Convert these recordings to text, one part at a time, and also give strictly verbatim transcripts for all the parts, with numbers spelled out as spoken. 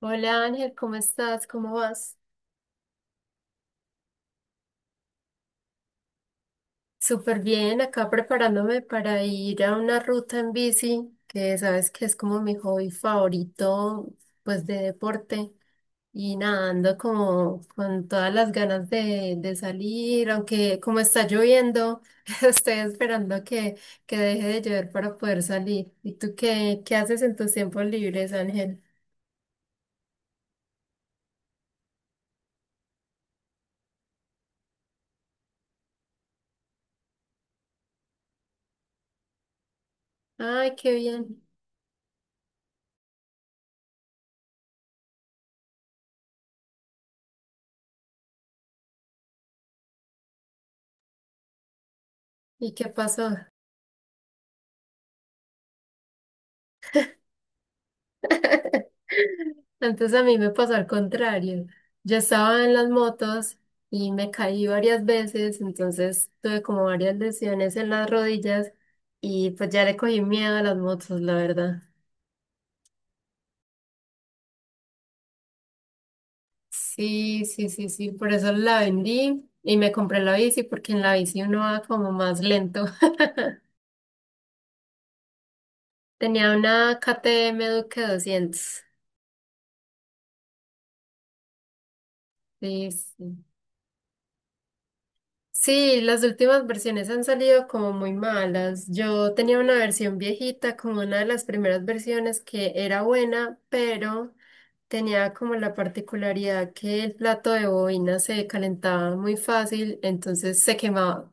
Hola Ángel, ¿cómo estás? ¿Cómo vas? Súper bien, acá preparándome para ir a una ruta en bici, que sabes que es como mi hobby favorito, pues de deporte. Y nada, ando como con todas las ganas de, de salir, aunque como está lloviendo, estoy esperando que, que deje de llover para poder salir. ¿Y tú qué, qué haces en tus tiempos libres, Ángel? Ay, qué bien. ¿Y qué pasó? Entonces a mí me pasó al contrario. Yo estaba en las motos y me caí varias veces, entonces tuve como varias lesiones en las rodillas y pues ya le cogí miedo a las motos, la verdad. Sí, sí, sí, sí, por eso la vendí y me compré la bici porque en la bici uno va como más lento. Tenía una K T M Duke doscientos. Sí, sí. Sí, las últimas versiones han salido como muy malas. Yo tenía una versión viejita, como una de las primeras versiones que era buena, pero tenía como la particularidad que el plato de bobina se calentaba muy fácil, entonces se quemaba.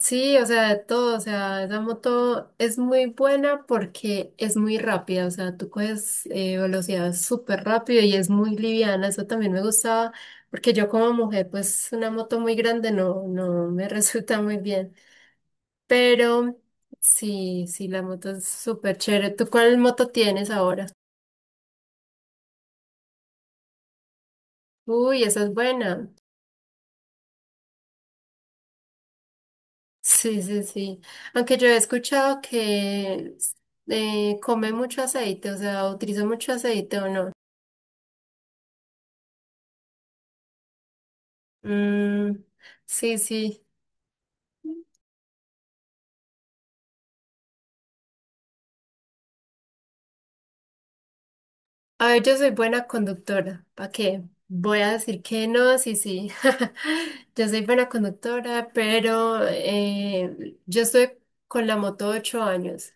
Sí, o sea, de todo, o sea, esa moto es muy buena porque es muy rápida, o sea, tú coges eh, velocidad súper rápido y es muy liviana, eso también me gustaba, porque yo como mujer, pues una moto muy grande no, no me resulta muy bien, pero sí, sí, la moto es súper chévere. ¿Tú cuál moto tienes ahora? Uy, esa es buena. Sí, sí, sí. Aunque yo he escuchado que eh, come mucho aceite, o sea, utiliza mucho aceite o no. Mm, sí, sí. A ver, yo soy buena conductora. ¿Para qué? Voy a decir que no, sí, sí. Yo soy buena conductora, pero eh, yo estoy con la moto ocho años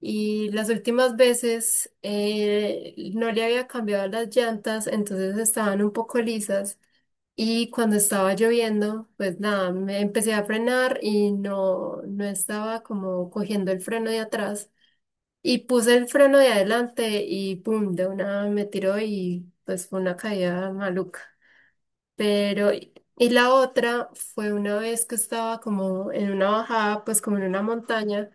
y las últimas veces eh, no le había cambiado las llantas, entonces estaban un poco lisas. Y cuando estaba lloviendo, pues nada, me empecé a frenar y no, no estaba como cogiendo el freno de atrás. Y puse el freno de adelante y pum, de una me tiró y pues fue una caída maluca. Pero, y y la otra fue una vez que estaba como en una bajada, pues como en una montaña,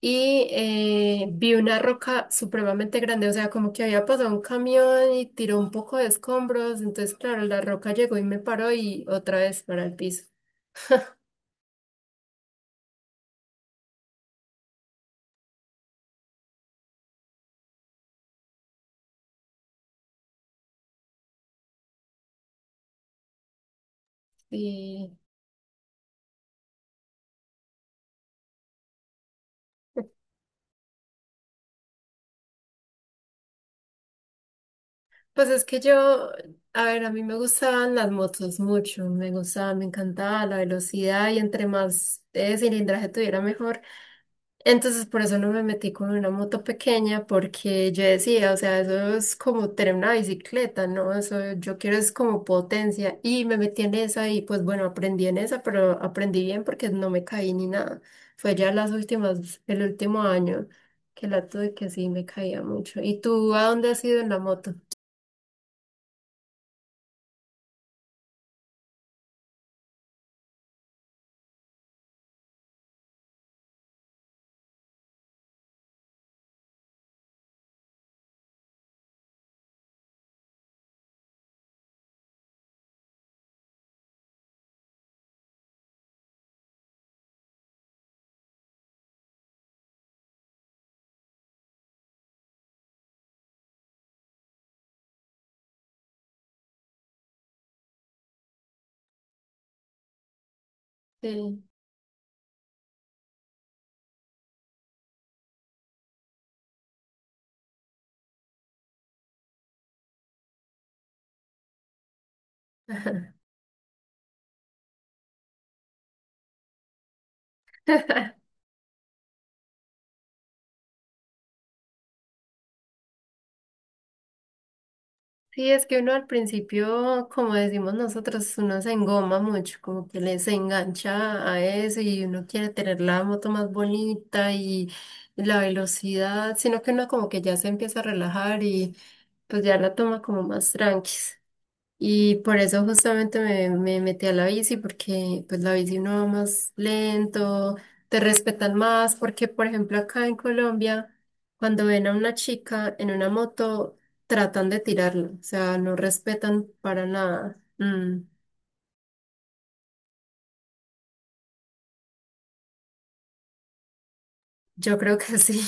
y eh, vi una roca supremamente grande, o sea, como que había pasado un camión y tiró un poco de escombros, entonces claro, la roca llegó y me paró y otra vez para el piso. Y... Pues es que yo, a ver, a mí me gustaban las motos mucho, me gustaba, me encantaba la velocidad y entre más eh, cilindraje tuviera mejor. Entonces por eso no me metí con una moto pequeña porque yo decía, o sea, eso es como tener una bicicleta, ¿no? Eso yo quiero es como potencia y me metí en esa y pues bueno, aprendí en esa, pero aprendí bien porque no me caí ni nada. Fue ya las últimas, el último año que la tuve que sí me caía mucho. ¿Y tú a dónde has ido en la moto? Sí. Ajá. Sí, es que uno al principio, como decimos nosotros, uno se engoma mucho, como que les engancha a eso y uno quiere tener la moto más bonita y la velocidad, sino que uno como que ya se empieza a relajar y pues ya la toma como más tranqui. Y por eso justamente me, me metí a la bici, porque pues la bici uno va más lento, te respetan más, porque por ejemplo acá en Colombia, cuando ven a una chica en una moto, tratan de tirarla, o sea, no respetan para nada. Mm, yo creo que sí,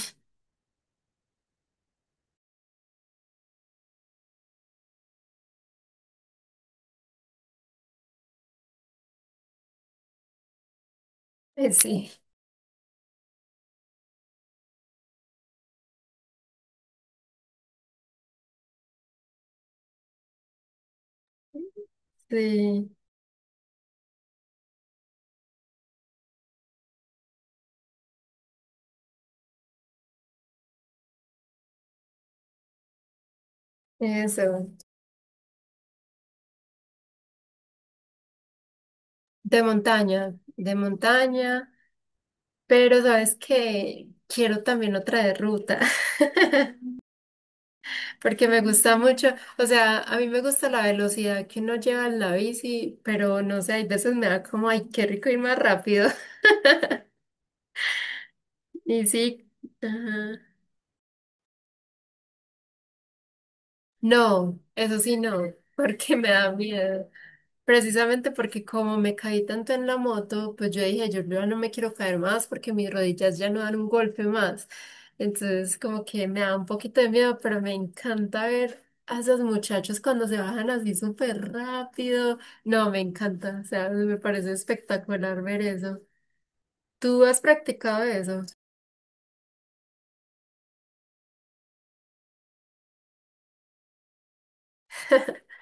eh, sí, sí, eso. De montaña, de montaña, pero sabes que quiero también otra de ruta. Porque me gusta mucho, o sea, a mí me gusta la velocidad que uno lleva en la bici, pero no sé, hay veces me da como, ay, qué rico ir más rápido. Y sí, ajá. No, eso sí no, porque me da miedo. Precisamente porque como me caí tanto en la moto, pues yo dije, yo ya no me quiero caer más porque mis rodillas ya no dan un golpe más. Entonces como que me da un poquito de miedo, pero me encanta ver a esos muchachos cuando se bajan así súper rápido. No, me encanta, o sea, me parece espectacular ver eso. ¿Tú has practicado eso?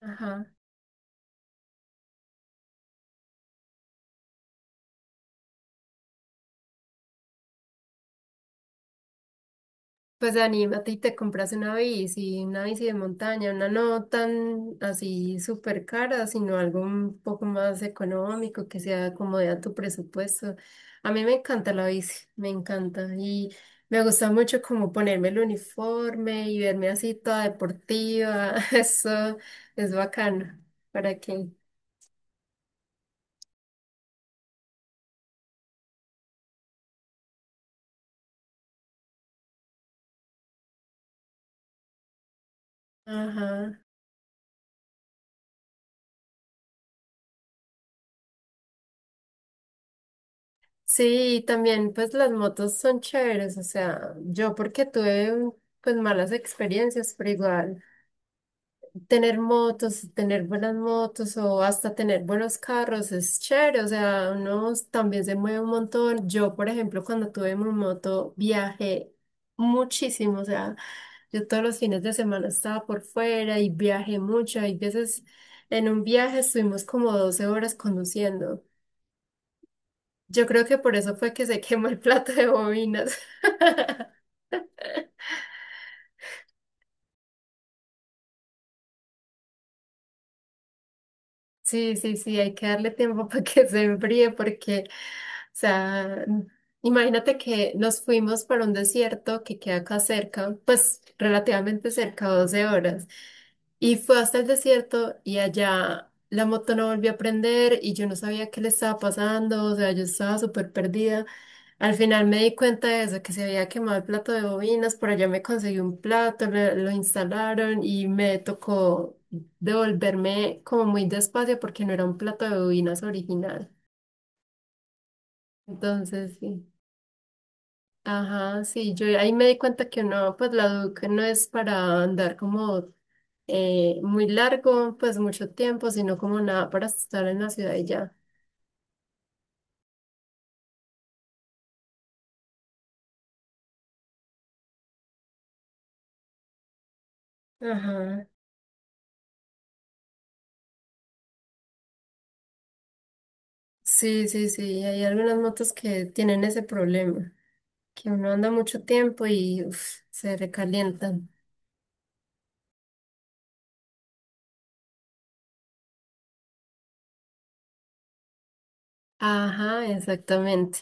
Ajá. Pues anímate y te compras una bici, una bici de montaña, una no tan así súper cara, sino algo un poco más económico, que sea acomode a tu presupuesto. A mí me encanta la bici, me encanta y me gusta mucho como ponerme el uniforme y verme así toda deportiva, eso es bacano, ¿para qué? Ajá. Sí, y también pues las motos son chéveres, o sea, yo porque tuve pues malas experiencias, pero igual. Tener motos, tener buenas motos o hasta tener buenos carros es chévere, o sea, uno también se mueve un montón. Yo, por ejemplo, cuando tuve mi moto, viajé muchísimo, o sea, yo todos los fines de semana estaba por fuera y viajé mucho. Hay veces en un viaje estuvimos como doce horas conduciendo. Yo creo que por eso fue que se quemó el plato de bobinas. Sí, sí, sí, hay que darle tiempo para que se enfríe porque, o sea, imagínate que nos fuimos para un desierto que queda acá cerca, pues relativamente cerca, doce horas, y fue hasta el desierto y allá la moto no volvió a prender y yo no sabía qué le estaba pasando, o sea, yo estaba súper perdida. Al final me di cuenta de eso, que se había quemado el plato de bobinas, por allá me conseguí un plato, lo, lo instalaron y me tocó devolverme como muy despacio porque no era un plato de bobinas original. Entonces, sí. Ajá, sí, yo ahí me di cuenta que uno, pues la Duke no es para andar como eh, muy largo, pues mucho tiempo, sino como nada para estar en la ciudad y ya. Ajá. Sí, sí, sí, hay algunas motos que tienen ese problema. Que uno anda mucho tiempo y uf, se recalientan. Ajá, exactamente.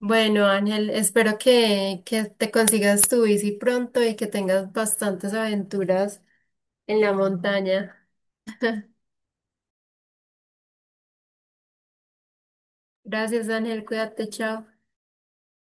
Bueno, Ángel, espero que, que te consigas tu bici pronto y que tengas bastantes aventuras en la montaña. Gracias, Ángel, cuídate, chao.